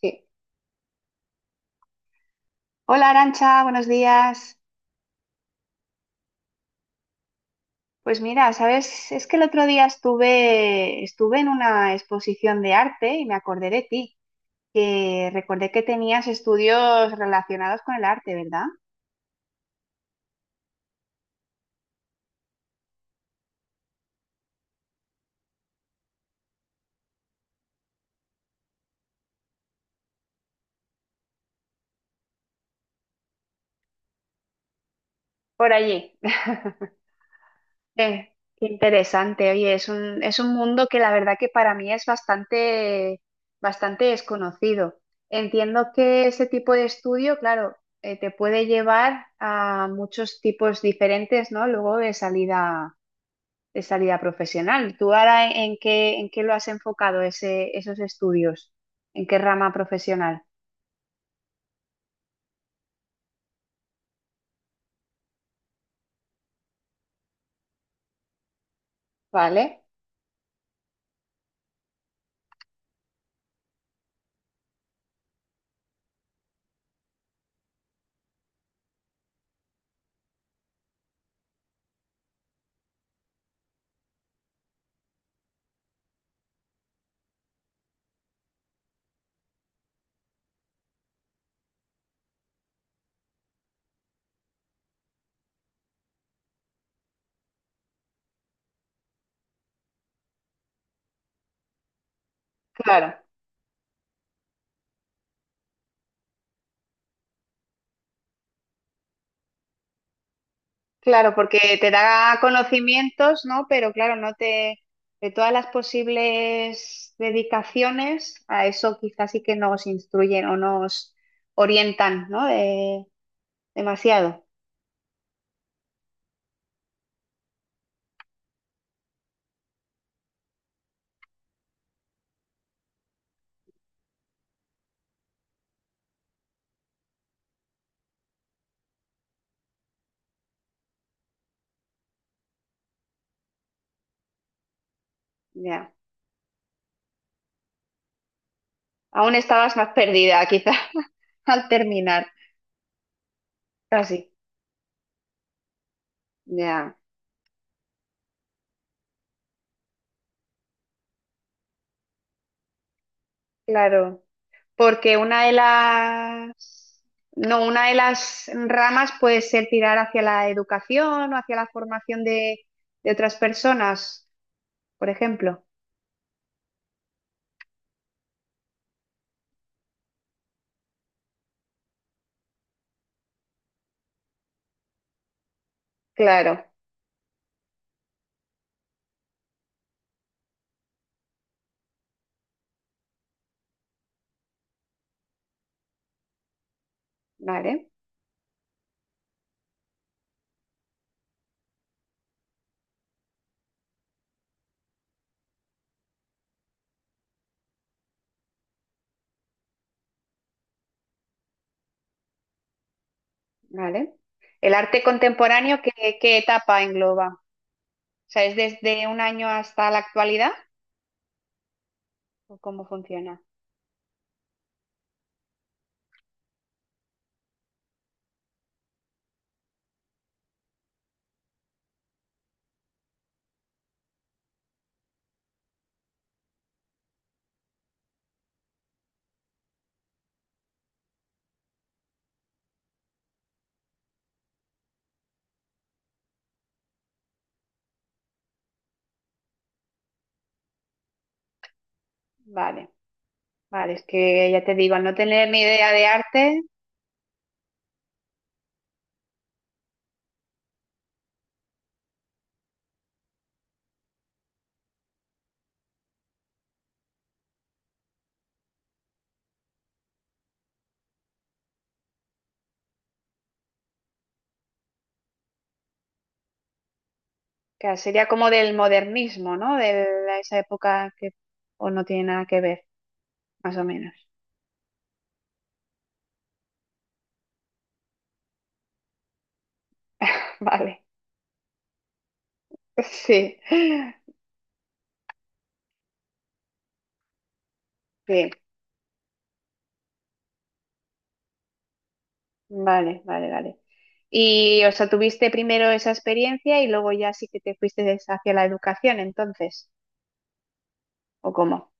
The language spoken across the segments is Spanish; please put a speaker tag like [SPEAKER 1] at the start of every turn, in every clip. [SPEAKER 1] Sí. Hola Arancha, buenos días. Pues mira, sabes, es que el otro día estuve, en una exposición de arte y me acordé de ti, que recordé que tenías estudios relacionados con el arte, ¿verdad? Por allí. Eh, qué interesante. Oye, es un mundo que la verdad que para mí es bastante, bastante desconocido. Entiendo que ese tipo de estudio, claro, te puede llevar a muchos tipos diferentes, ¿no? Luego de salida profesional. ¿Tú ahora en, en qué lo has enfocado ese, esos estudios? ¿En qué rama profesional? ¿Vale? Claro, claro, porque te da conocimientos, ¿no? Pero claro, no te, de todas las posibles dedicaciones, a eso quizás sí que nos instruyen o nos orientan, ¿no? Demasiado. Ya. Aún estabas más perdida, quizás, al terminar, casi. Ya, claro. Porque una de las, no, una de las ramas puede ser tirar hacia la educación o hacia la formación de otras personas, por ejemplo. Claro, vale, vale. El arte contemporáneo, ¿qué, qué etapa engloba? O sea, ¿es desde un año hasta la actualidad? ¿O cómo funciona? Vale, vale, es que ya te digo, al no tener ni idea de arte, que sería como del modernismo, ¿no? De la- esa época que o no tiene nada que ver, más o menos. Vale, sí, sí, vale, vale. Y, o sea, tuviste primero esa experiencia y luego ya sí que te fuiste hacia la educación, entonces, ¿o cómo?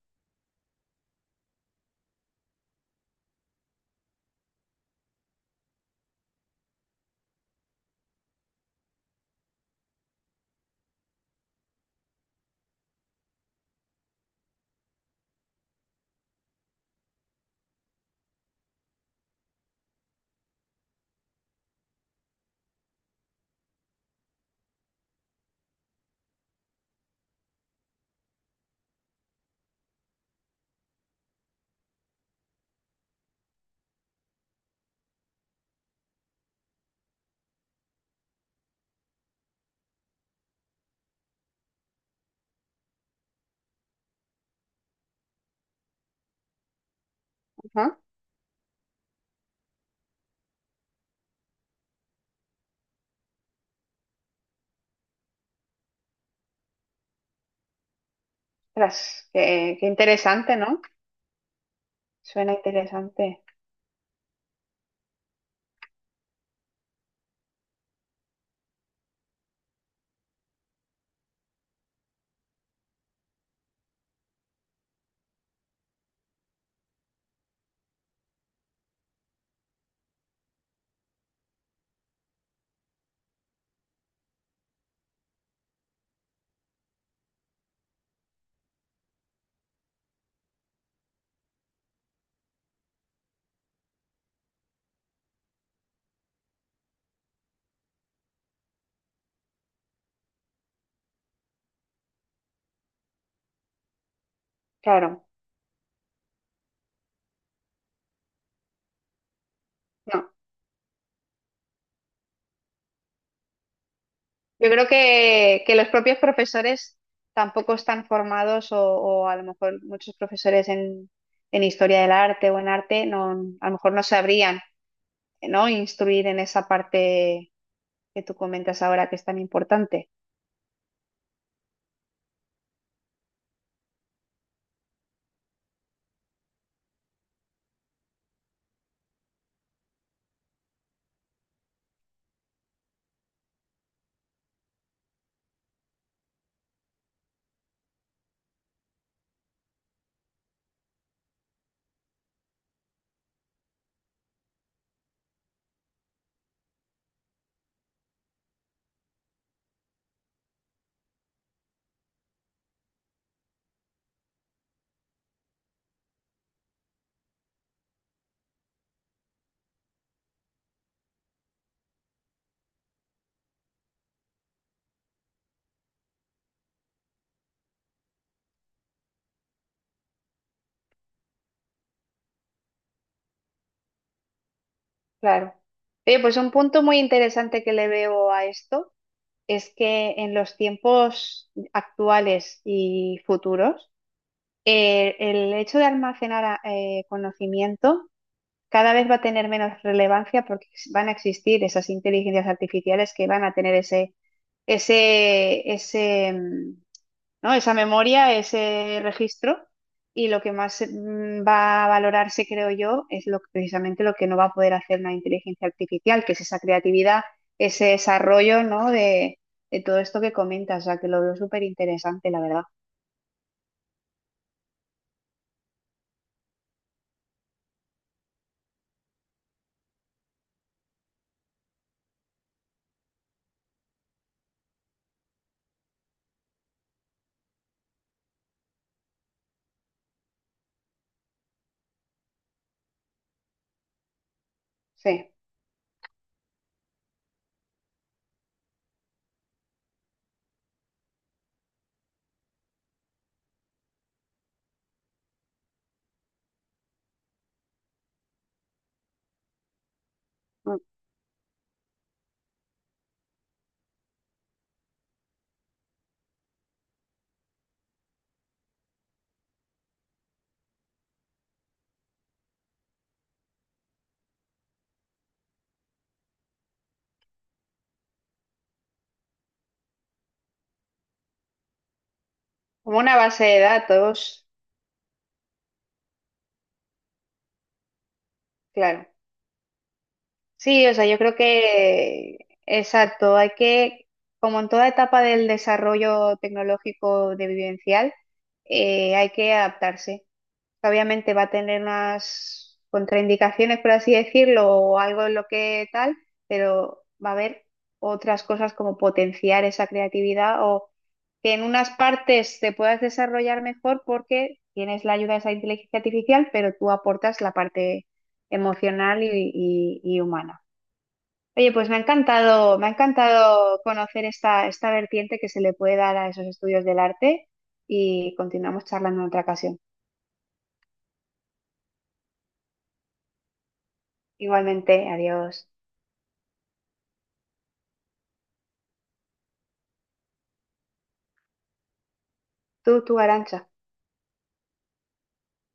[SPEAKER 1] Ajá. Ostras, qué, qué interesante, ¿no? Suena interesante. Claro, no. Yo creo que los propios profesores tampoco están formados o a lo mejor muchos profesores en historia del arte o en arte no, a lo mejor no sabrían, ¿no? Instruir en esa parte que tú comentas ahora que es tan importante. Claro. Oye, pues un punto muy interesante que le veo a esto es que en los tiempos actuales y futuros, el hecho de almacenar a- conocimiento cada vez va a tener menos relevancia porque van a existir esas inteligencias artificiales que van a tener ese, ese, ese, mm, ¿no? Esa memoria, ese registro, y lo que más va a valorarse, creo yo, es lo, precisamente lo que no va a poder hacer una inteligencia artificial, que es esa creatividad, ese desarrollo, ¿no? De todo esto que comentas, o sea, que lo veo súper interesante, la verdad. Sí. Mm. Como una base de datos, claro. Sí, o sea, yo creo que, exacto, hay que, como en toda etapa del desarrollo tecnológico de vivencial, hay que adaptarse que obviamente va a tener unas contraindicaciones, por así decirlo, o algo en lo que tal, pero va a haber otras cosas como potenciar esa creatividad o que en unas partes te puedas desarrollar mejor porque tienes la ayuda de esa inteligencia artificial, pero tú aportas la parte emocional y humana. Oye, pues me ha encantado conocer esta, esta vertiente que se le puede dar a esos estudios del arte y continuamos charlando en otra ocasión. Igualmente, adiós. Tú, Arancha.